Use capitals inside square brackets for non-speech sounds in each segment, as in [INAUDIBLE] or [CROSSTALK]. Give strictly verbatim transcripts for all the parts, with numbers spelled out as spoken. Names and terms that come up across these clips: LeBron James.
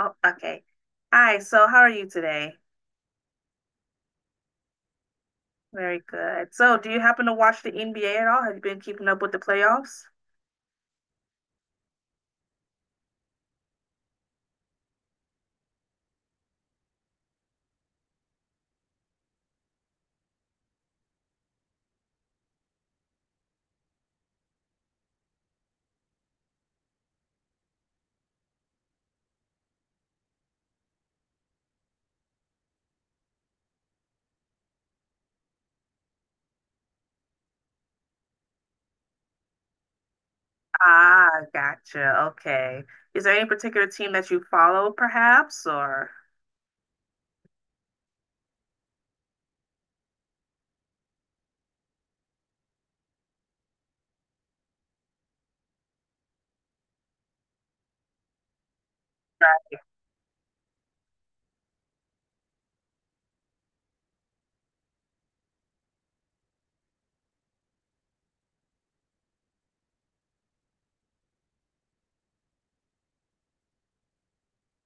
Oh, okay. Hi, so how are you today? Very good. So, do you happen to watch the N B A at all? Have you been keeping up with the playoffs? Ah, gotcha. Okay. Is there any particular team that you follow, perhaps, or?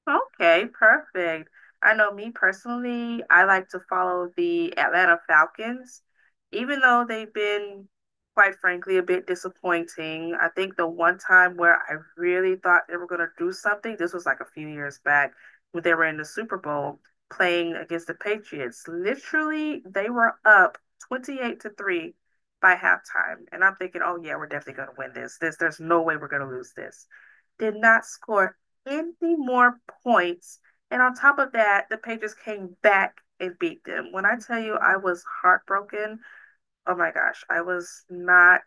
Okay, perfect. I know me personally, I like to follow the Atlanta Falcons, even though they've been, quite frankly, a bit disappointing. I think the one time where I really thought they were going to do something, this was like a few years back when they were in the Super Bowl playing against the Patriots. Literally, they were up twenty-eight to three by halftime. And I'm thinking, oh yeah, we're definitely going to win this. This, there's no way we're going to lose this. Did not score any more points. And on top of that, the Patriots came back and beat them. When I tell you I was heartbroken, oh my gosh, I was not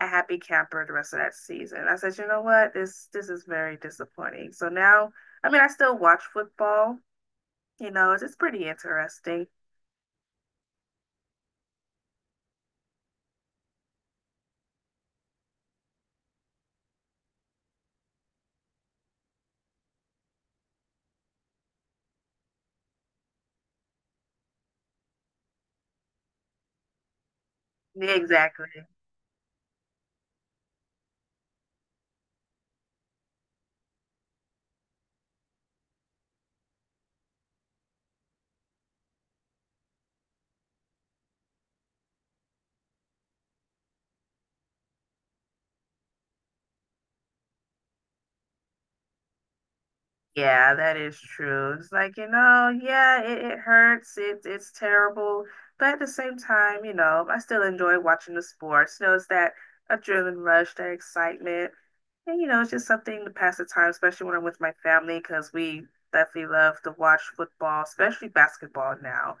a happy camper the rest of that season. I said, you know what, this this is very disappointing. So now, I mean, I still watch football. You know, it's, it's pretty interesting. Yeah, exactly. Yeah, that is true. It's like, you know, yeah, it, it hurts. It's it's terrible. But at the same time, you know, I still enjoy watching the sports. You know, it's that adrenaline rush, that excitement. And, you know, it's just something to pass the time, especially when I'm with my family, because we definitely love to watch football, especially basketball now.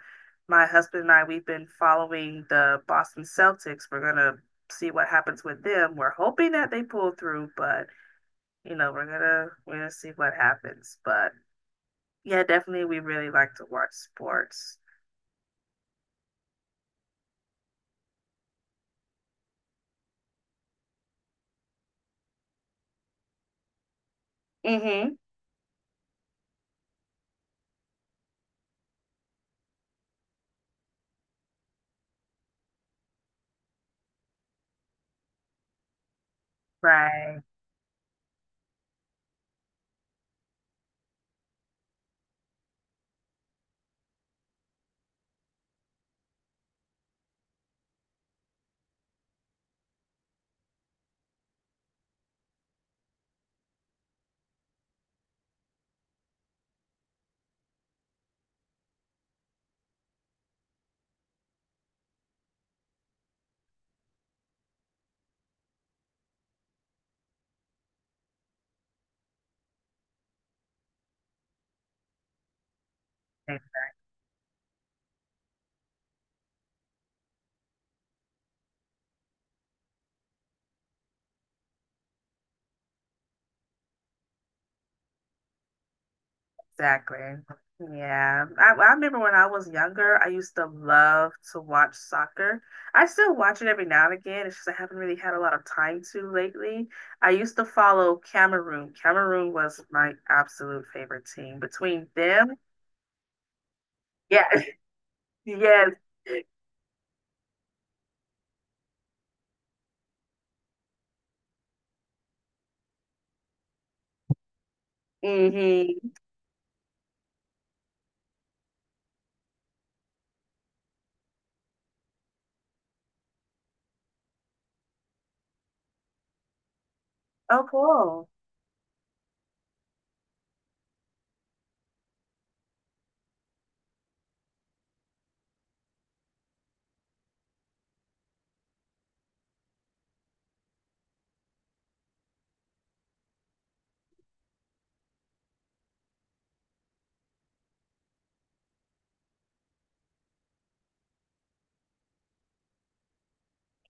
My husband and I, we've been following the Boston Celtics. We're gonna see what happens with them. We're hoping that they pull through, but you know, we're gonna we're gonna see what happens. But yeah, definitely. We really like to watch sports. Mm-hmm. Right. Exactly. Yeah. I, I remember when I was younger, I used to love to watch soccer. I still watch it every now and again. It's just I haven't really had a lot of time to lately. I used to follow Cameroon. Cameroon was my absolute favorite team. Between them, yeah, [LAUGHS] yes. Mm-hmm. Oh, cool.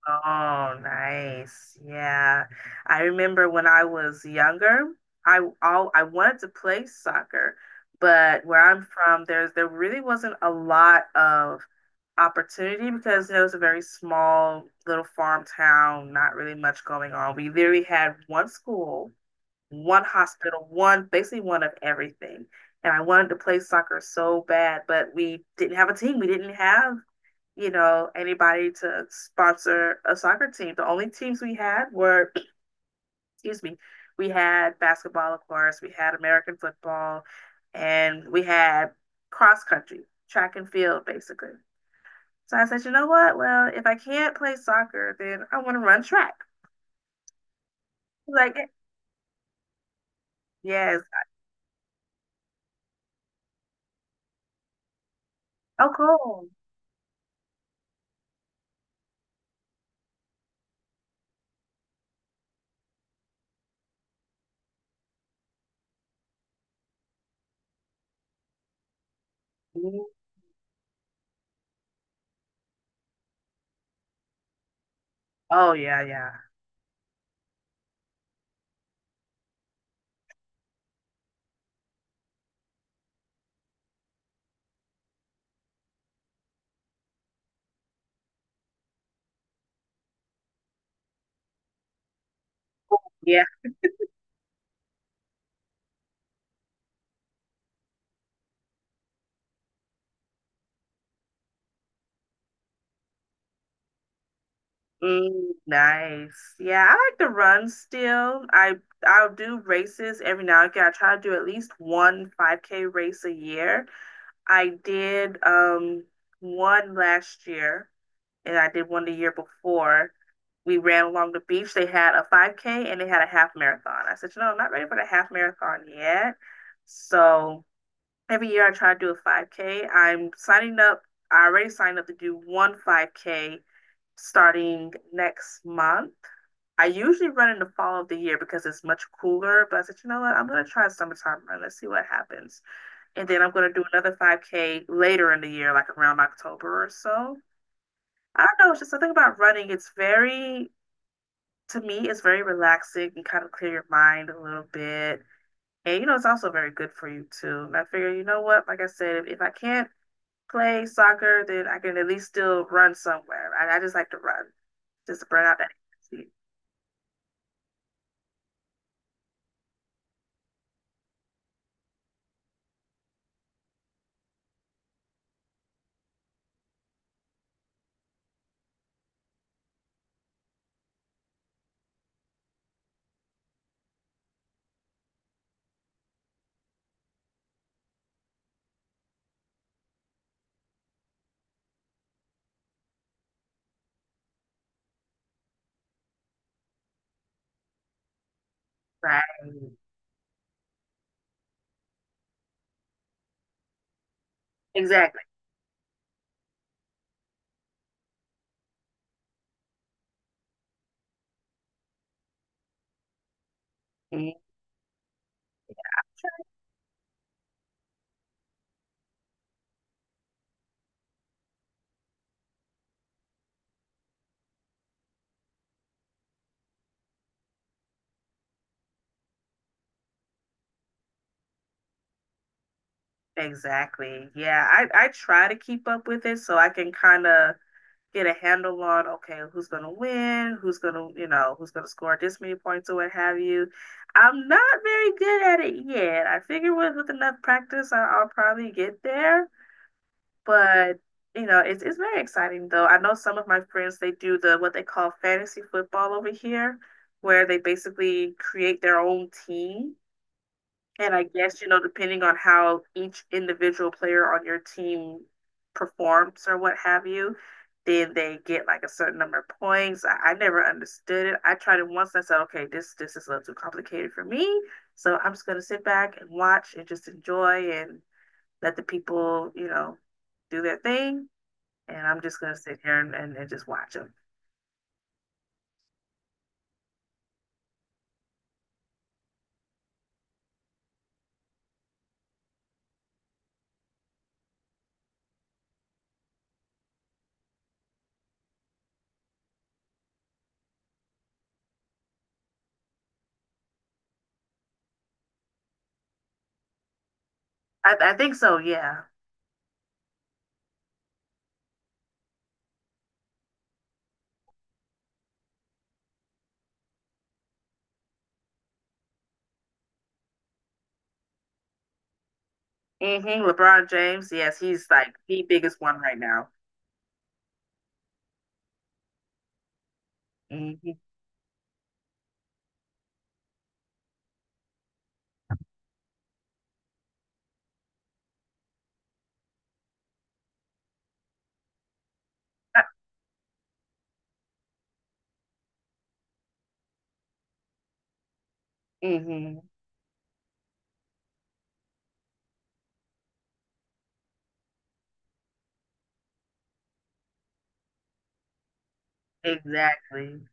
Oh, nice. Yeah. I remember when I was younger, I all I wanted to play soccer, but where I'm from, there's there really wasn't a lot of opportunity because it was a very small little farm town, not really much going on. We literally had one school, one hospital, one basically one of everything. And I wanted to play soccer so bad, but we didn't have a team. We didn't have you know, anybody to sponsor a soccer team. The only teams we had were, [CLEARS THROAT] excuse me, we had basketball, of course, we had American football, and we had cross country, track and field, basically. So I said, you know what? Well, if I can't play soccer, then I want to run track. Like, yes. Oh, cool. Mhm. Oh, yeah, yeah. Yeah. Mm, nice. Yeah, I like to run still. I I'll do races every now and again. I try to do at least one five K race a year. I did um one last year and I did one the year before. We ran along the beach. They had a five K and they had a half marathon. I said, you know, I'm not ready for the half marathon yet. So every year I try to do a five K. I'm signing up. I already signed up to do one five K starting next month. I usually run in the fall of the year because it's much cooler, but I said, you know what? I'm going to try a summertime run. Let's see what happens. And then I'm going to do another five K later in the year, like around October or so. I don't know. It's just something about running. It's very, to me, it's very relaxing and kind of clear your mind a little bit. And, you know, it's also very good for you too. And I figure, you know what? Like I said, if, if I can't play soccer, then I can at least still run somewhere. Right? I just like to run, just to burn out that energy. Right. Exactly. Mhm. Exactly. Yeah, I I try to keep up with it so I can kind of get a handle on okay, who's gonna win, who's gonna, you know, who's gonna score this many points or what have you. I'm not very good at it yet. I figure with with enough practice, I, I'll probably get there. But you know, it's it's very exciting though. I know some of my friends they do the what they call fantasy football over here, where they basically create their own team. And I guess, you know, depending on how each individual player on your team performs or what have you, then they get like a certain number of points. I, I never understood it. I tried it once and I said, okay, this this is a little too complicated for me. So I'm just gonna sit back and watch and just enjoy and let the people, you know, do their thing and I'm just gonna sit here and, and, and just watch him. I, I think so. Yeah. Mm-hmm. LeBron James. Yes, he's like the biggest one right now. Mm-hmm. Mm-hmm. Exactly.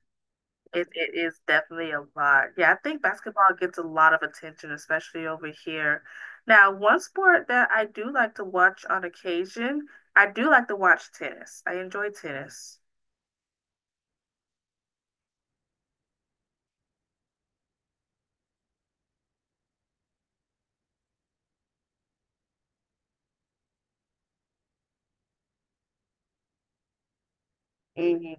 It, it is definitely a lot. Yeah, I think basketball gets a lot of attention, especially over here. Now, one sport that I do like to watch on occasion, I do like to watch tennis. I enjoy tennis. Hmm.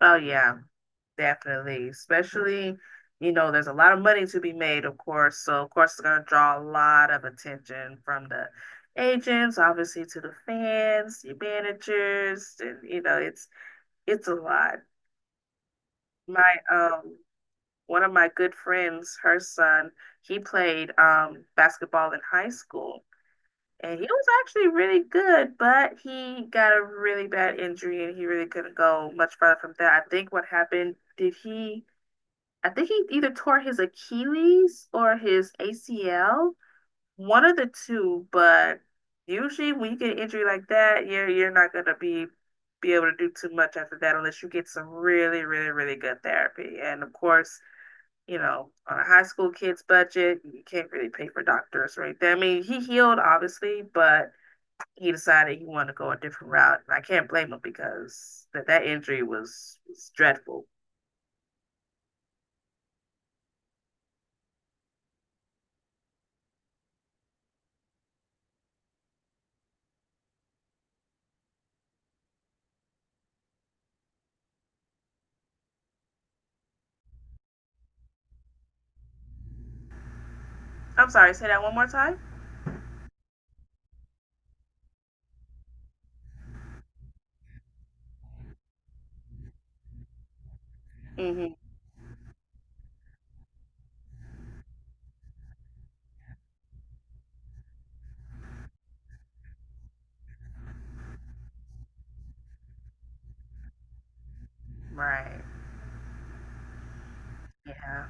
Oh, yeah. Definitely, especially, you know, there's a lot of money to be made, of course. So, of course, it's going to draw a lot of attention from the agents, obviously to the fans, the managers, and you know, it's it's a lot. My um one of my good friends, her son, he played um basketball in high school, and he was actually really good, but he got a really bad injury and he really couldn't go much further from that. I think what happened, did he I think he either tore his Achilles or his A C L, one of the two. But usually, when you get an injury like that, you're you're not gonna be be able to do too much after that unless you get some really, really, really good therapy. And of course, you know, on a high school kid's budget, you can't really pay for doctors right there. I mean, he healed obviously, but he decided he wanted to go a different route, and I can't blame him because that that injury was, was dreadful. I'm sorry, say that one more time. Mm-hmm. Right. Yeah,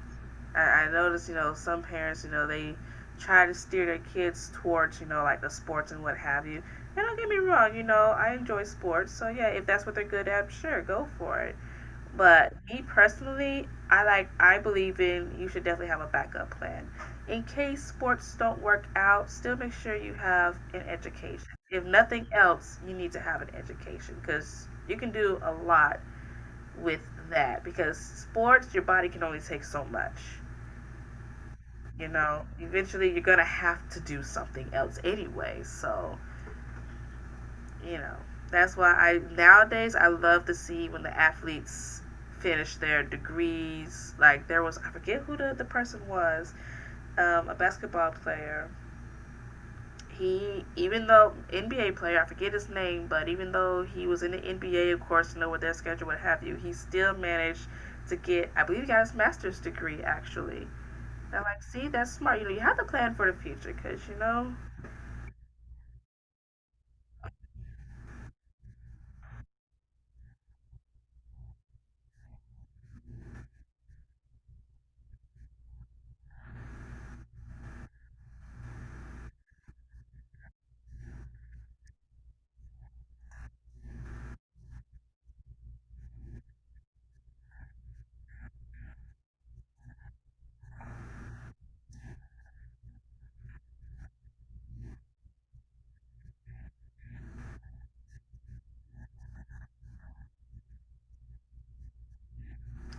I, I notice, you know, some parents, you know, they try to steer their kids towards, you know, like the sports and what have you. And don't get me wrong, you know, I enjoy sports, so yeah, if that's what they're good at, sure, go for it. But me personally, I like, I believe in you should definitely have a backup plan. In case sports don't work out, still make sure you have an education. If nothing else, you need to have an education because you can do a lot with that because sports, your body can only take so much you know, eventually you're gonna have to do something else anyway. So, you know, that's why I nowadays I love to see when the athletes finish their degrees. Like there was I forget who the, the person was, um, a basketball player. He even though N B A player, I forget his name, but even though he was in the N B A of course, you know with their schedule, what have you, he still managed to get I believe he got his master's degree actually. And I'm like, see, that's smart. You know, you have to plan for the future because you know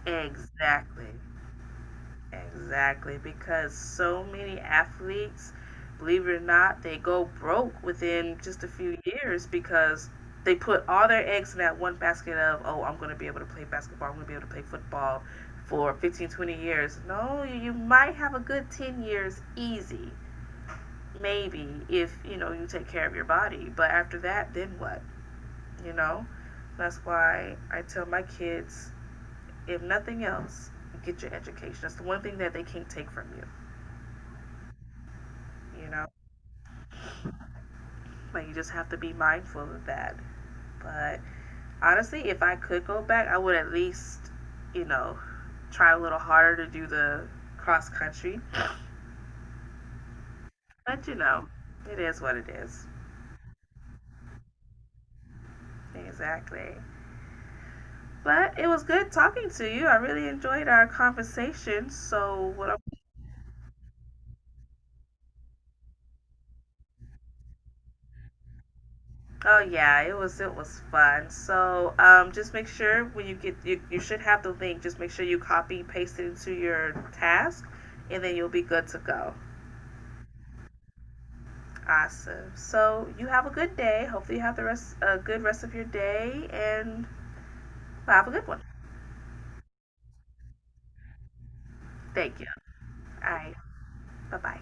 exactly, exactly. Because so many athletes, believe it or not, they go broke within just a few years because they put all their eggs in that one basket of, oh, I'm going to be able to play basketball, I'm going to be able to play football for fifteen, twenty years. No, you might have a good ten years easy, maybe, if, you know, you take care of your body. But after that, then what? You know? That's why I tell my kids if nothing else, get your education. That's the one thing that they can't take from you, you know? Like, you just have to be mindful of that. But honestly, if I could go back, I would at least, you know, try a little harder to do the cross country. But, you know, it is what it is. Exactly. But it was good talking to you. I really enjoyed our conversation. So, what I'm oh yeah, it was it was fun. So um, just make sure when you get you, you should have the link. Just make sure you copy paste it into your task, and then you'll be good to go. Awesome. So you have a good day. Hopefully you have the rest a good rest of your day, and have a good one. Thank you. All right. Bye bye.